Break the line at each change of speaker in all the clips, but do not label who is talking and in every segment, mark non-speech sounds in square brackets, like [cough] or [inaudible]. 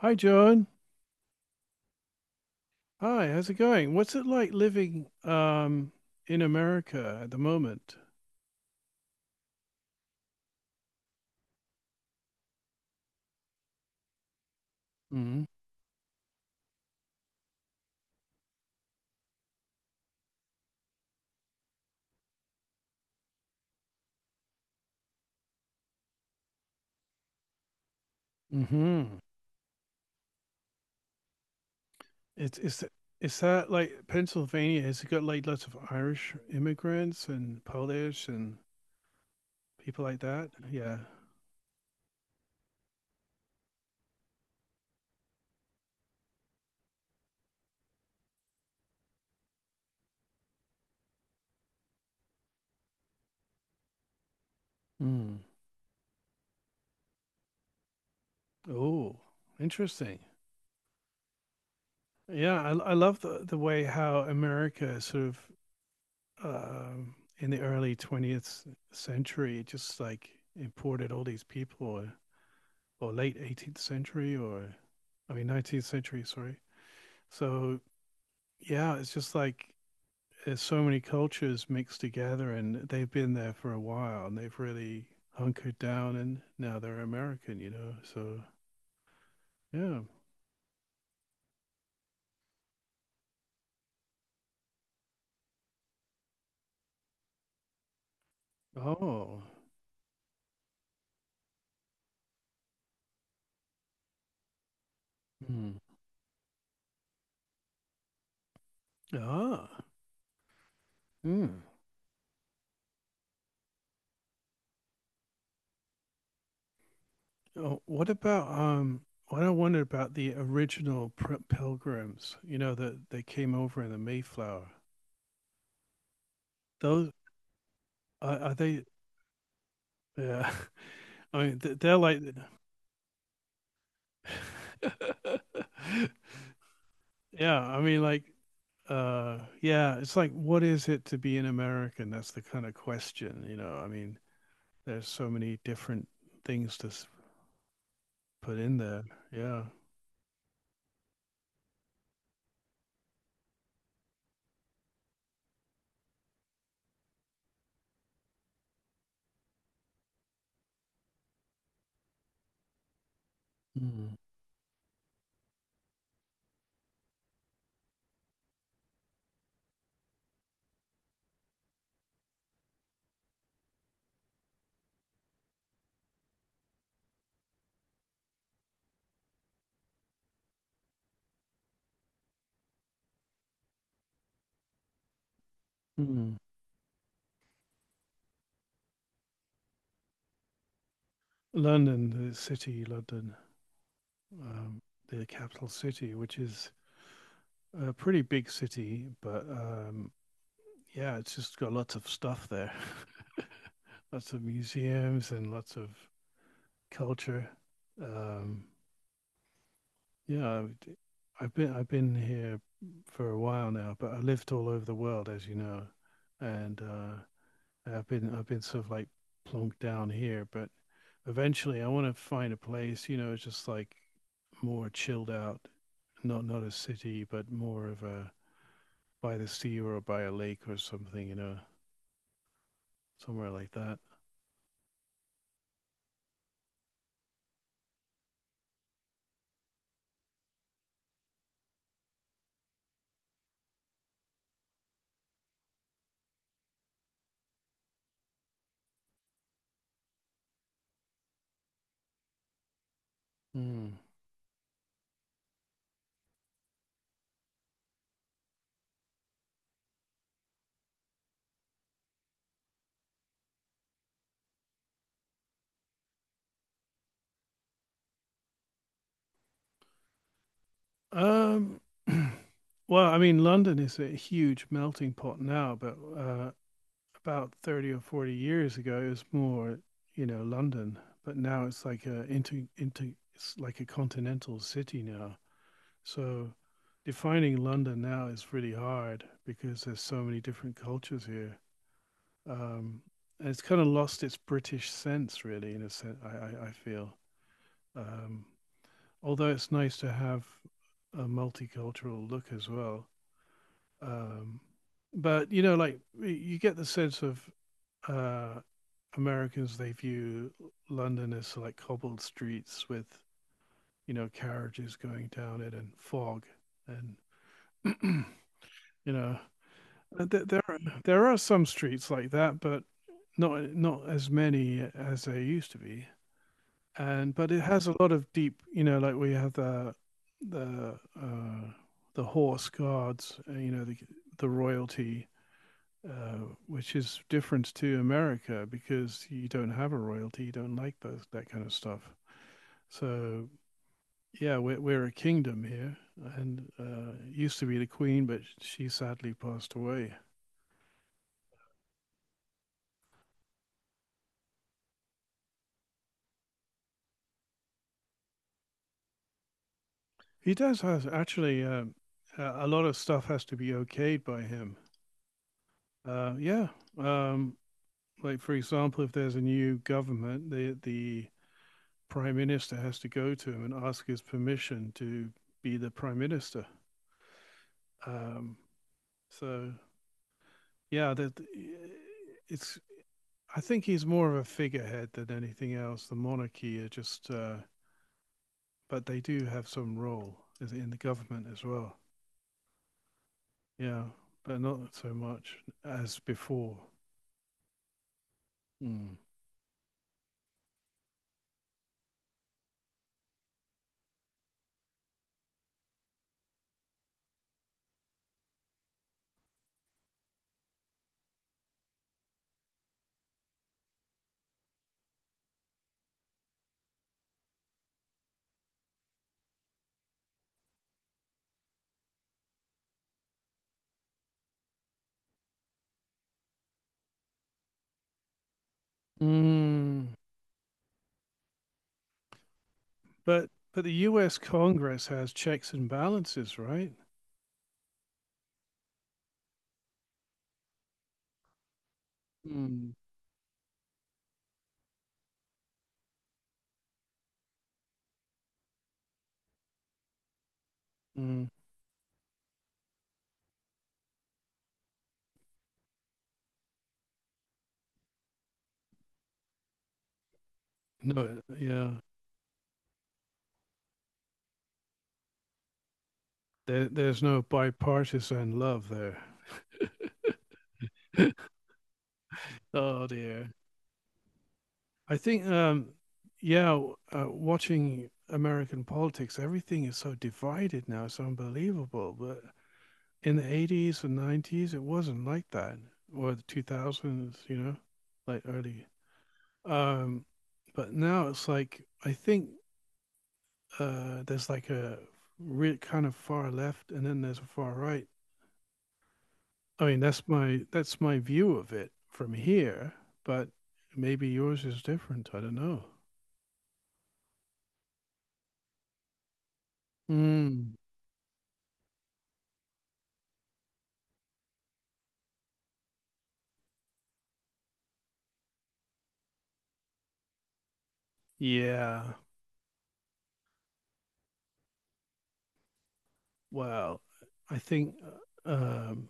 Hi, John. Hi, how's it going? What's it like living in America at the moment? Mm-hmm. Mm-hmm. It's is that like Pennsylvania? Has it got like lots of Irish immigrants and Polish and people like that? Yeah. Mm. Oh, interesting. Yeah, I love the way how America sort of in the early 20th century just like imported all these people. Or late 18th century, or I mean 19th century, sorry. So yeah, it's just like there's so many cultures mixed together and they've been there for a while and they've really hunkered down and now they're American. So yeah. Oh. Hmm. Ah. Hmm. Oh, what about what I wondered about the original pilgrims, you know, that they came over in the Mayflower. Those are they. Yeah. [laughs] I mean they're like [laughs] Yeah, I mean, like, yeah, it's like, what is it to be an American? That's the kind of question, you know. I mean, there's so many different things to put in there. Yeah. Mm. Mm. London, the city, London. um, the capital city, which is a pretty big city, but yeah, it's just got lots of stuff there, [laughs] lots of museums and lots of culture. Um, Yeah, I- have been I've been here for a while now, but I lived all over the world, as you know, and I've been sort of like plunked down here. But eventually, I want to find a place, you know, just like more chilled out, not a city, but more of a by the sea or by a lake or something, you know, somewhere like that. Mm. Um, [clears throat] well, I mean, London is a huge melting pot now, but about 30 or 40 years ago, it was more, you know, London, but now it's like a continental city now. So defining London now is really hard because there's so many different cultures here. Um, and it's kind of lost its British sense, really, in a sense, I feel. Um, Although it's nice to have a multicultural look as well. Um, but, you know, like you get the sense of uh, Americans they view London as like cobbled streets with you know carriages going down it and fog and [clears throat] you know uh, th- there are, there are some streets like that, but not as many as there used to be. And but it has a lot of deep, you know, like we have the the horse guards, you know, the royalty, uh, which is different to America because you don't have a royalty, you don't like those that kind of stuff. So yeah, we're a kingdom here, and used to be the queen, but she sadly passed away. He does has actually. A lot of stuff has to be okayed by him. Yeah. um, like for example, if there's a new government, the prime minister has to go to him and ask his permission to be the prime minister. Um, so yeah, that it's. I think he's more of a figurehead than anything else. The monarchy are just but they do have some role in the government as well. Yeah, but not so much as before. Mm. Mm. But the U.S. Congress has checks and balances, right? Mm. Mm. No, yeah, there's no bipartisan love there. [laughs] Oh dear. I think, yeah, watching American politics, everything is so divided now. It's unbelievable. But in the 80s and 90s it wasn't like that, or the 2000s, you know, like early. um but now it's like, I think there's like a real kind of far left and then there's a far right. I mean, that's my view of it from here, but maybe yours is different. I don't know. Mm. Yeah. Well, I think, uh, um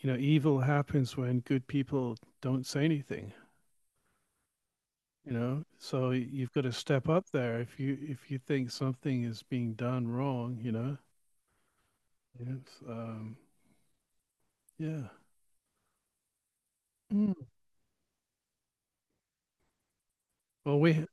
you know, evil happens when good people don't say anything, you know, so you've got to step up there if you think something is being done wrong, you know. Yes. um yeah. Mm. Well, we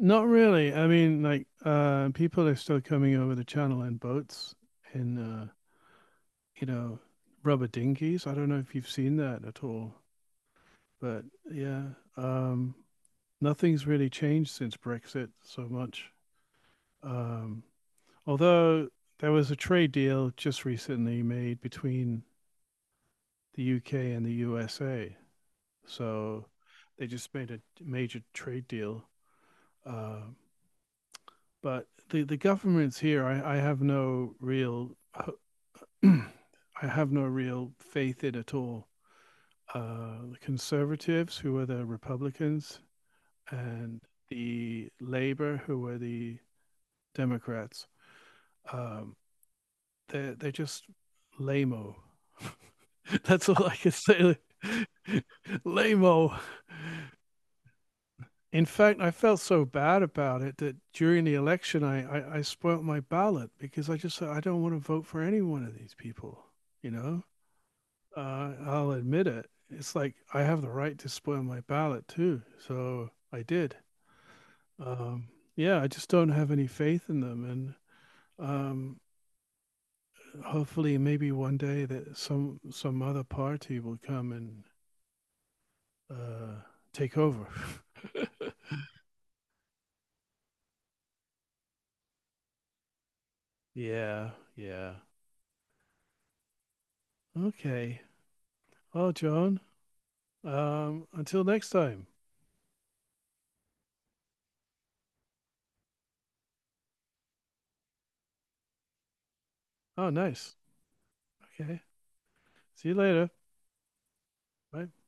not really. I mean, like, people are still coming over the channel in boats, in you know, rubber dinghies. I don't know if you've seen that at all, but yeah. um Nothing's really changed since Brexit so much. um Although there was a trade deal just recently made between the UK and the USA. So they just made a major trade deal. Uh, but the governments here, I have no real, [clears throat] I have no real faith in at all. The conservatives, who were the Republicans, and the Labour, who were the Democrats, um, they're just lame-o. [laughs] That's all I can say. [laughs] Lame. In fact, I felt so bad about it that during the election, I spoilt my ballot because I just said, I don't want to vote for any one of these people. You know, I'll admit it. It's like I have the right to spoil my ballot too. So I did. Um, yeah, I just don't have any faith in them. And um, hopefully, maybe one day that some other party will come and uh, take over. [laughs] Yeah, yeah. Okay. Well, John. Until next time. Oh, nice. Okay. See you later. Bye.